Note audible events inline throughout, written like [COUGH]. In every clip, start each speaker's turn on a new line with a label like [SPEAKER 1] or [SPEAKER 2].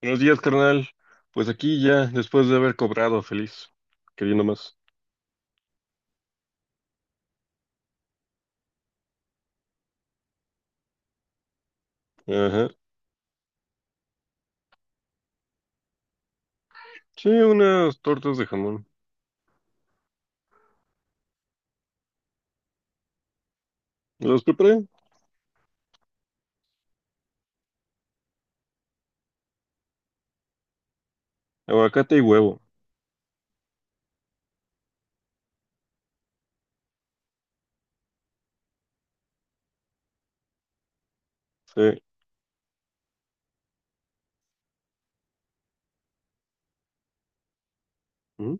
[SPEAKER 1] Buenos días, carnal. Pues aquí ya, después de haber cobrado, feliz. Queriendo más. Ajá. Sí, unas tortas de jamón. Las preparé. Aguacate y huevo. Sí. ¿Mm?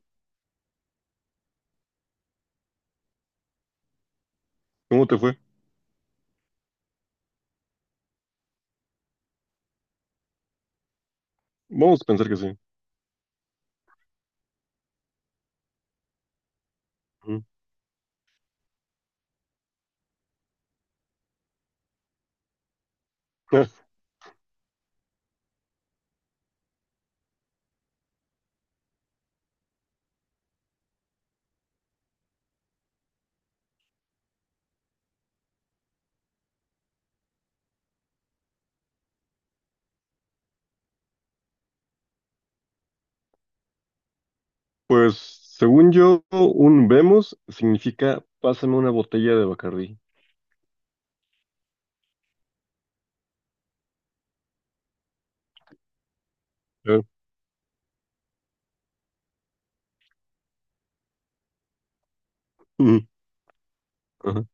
[SPEAKER 1] ¿Cómo te fue? Vamos a pensar que sí. ¿Mm? Ah, pues, según yo, un vemos significa pásame una botella de Bacardí. Ah, ujú, ajá,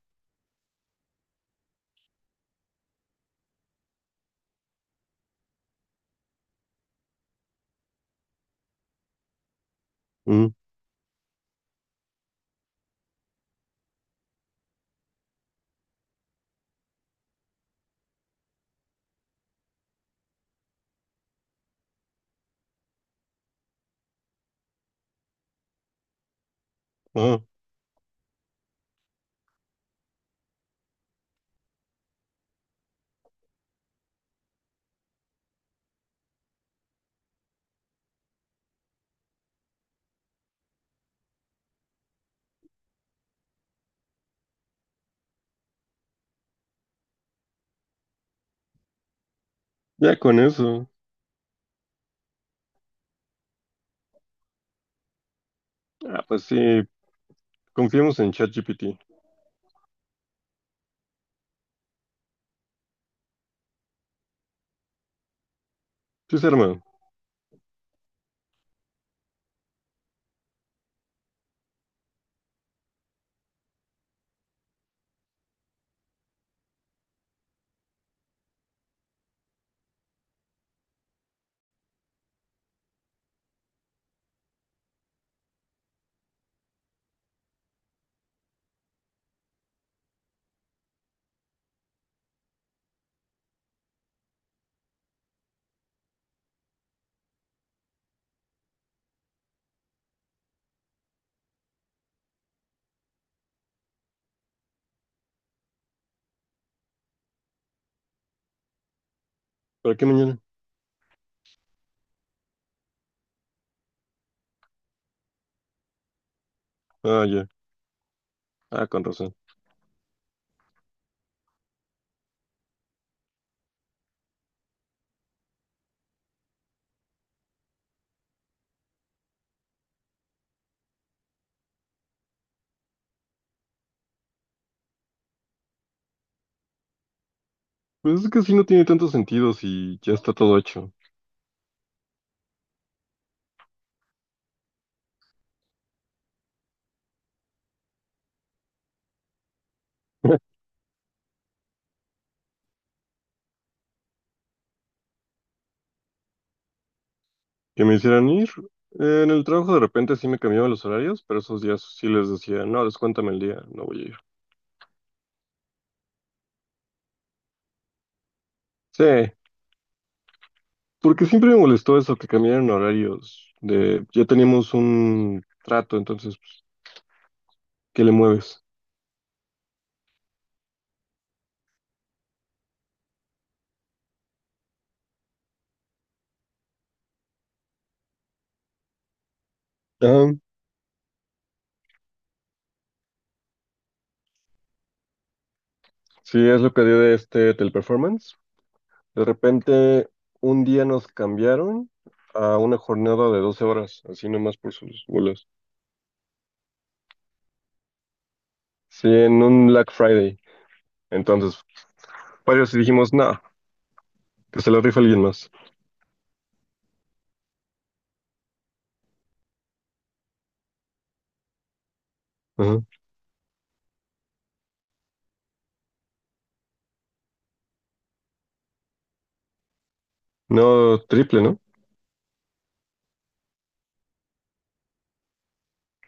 [SPEAKER 1] ujú, ajá. Ya con eso. Ah, pues sí, confiemos en ChatGPT. Sí, se arma. ¿Para qué mañana? Ah, ya. Ah, con razón. Pues es que sí no tiene tanto sentido si ya está todo hecho. [LAUGHS] Que me hicieran ir. En el trabajo de repente sí me cambiaban los horarios, pero esos días sí les decía, no, descuéntame el día, no voy a ir. Sí, porque siempre me molestó eso, que cambiaran horarios. De, ya teníamos un trato, entonces, pues, ¿qué le mueves? Ah, sí, es lo que dio de este teleperformance. De repente, un día nos cambiaron a una jornada de 12 horas, así nomás por sus bolas. Sí, en un Black Friday. Entonces, varios y dijimos, no, que se lo rifa alguien más. Ajá. No, triple, ¿no?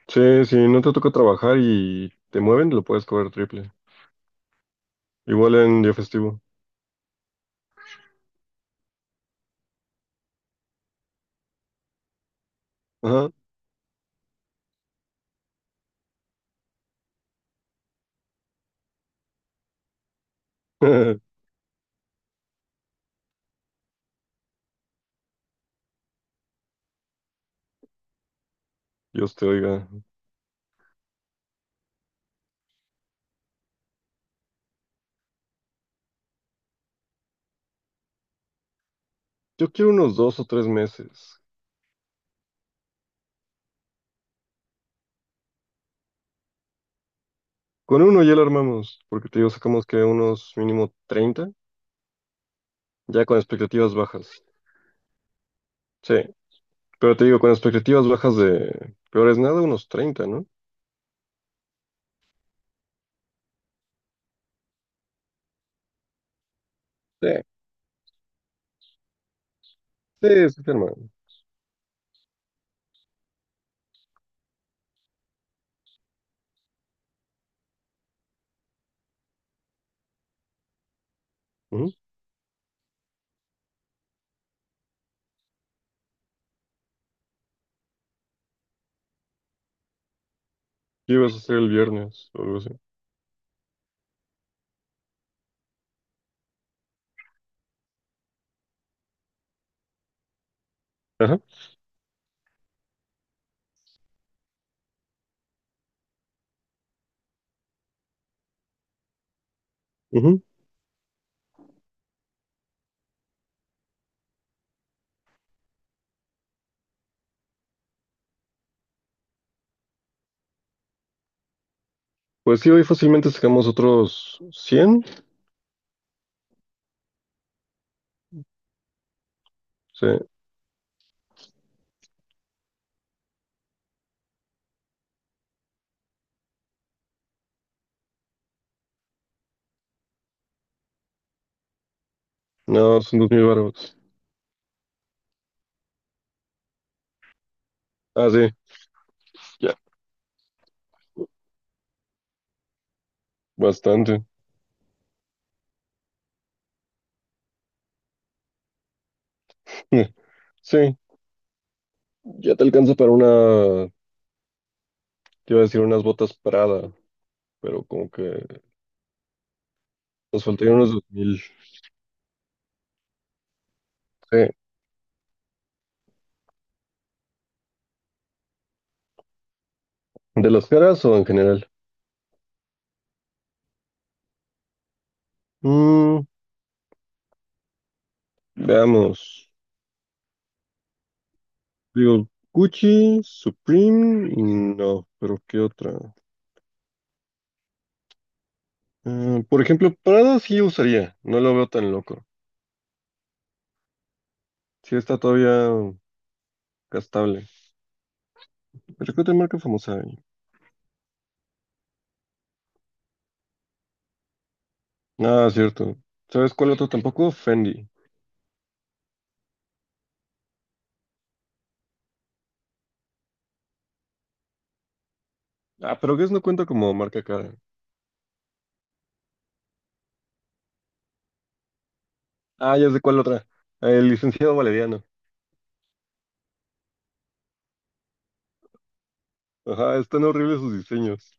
[SPEAKER 1] Sí, si no te toca trabajar y te mueven, lo puedes cobrar triple. Igual en día festivo. Ajá. [LAUGHS] Dios te oiga. Yo quiero unos 2 o 3 meses. Con uno ya lo armamos, porque te digo, sacamos que unos mínimo 30 ya con expectativas bajas. Sí, pero te digo, con expectativas bajas de peor es nada, unos 30, ¿no? Sí, sí, sí, sí, hermano. ¿Qué ibas a hacer el viernes o algo así? Ajá. Pues sí, hoy fácilmente sacamos otros 100. Sí, no, son 2000 baros. Ah, sí, ya, bastante. [LAUGHS] Sí, ya te alcanza para una, te iba a decir unas botas Prada, pero como que nos faltarían unos 2000. Sí, ¿de las caras o en general? Mm, veamos. Digo, Gucci, Supreme, no, pero ¿qué otra? Por ejemplo, Prada sí usaría, no lo veo tan loco. Sí está todavía gastable. Pero ¿qué otra marca famosa hay? Ah, cierto. ¿Sabes cuál otro tampoco? Fendi. Ah, pero Guess no cuenta como marca cara. Ah, ya sé cuál otra. El licenciado Valeriano. Ajá, están horribles sus diseños.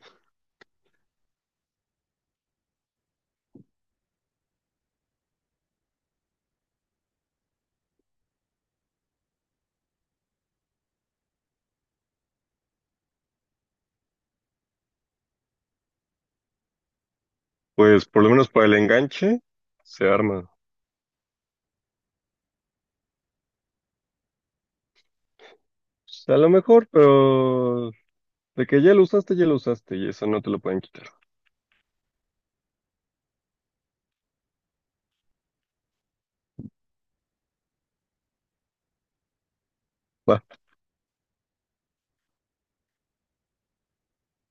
[SPEAKER 1] Pues por lo menos para el enganche se arma. O a lo mejor, pero de que ya lo usaste y eso no te lo pueden quitar.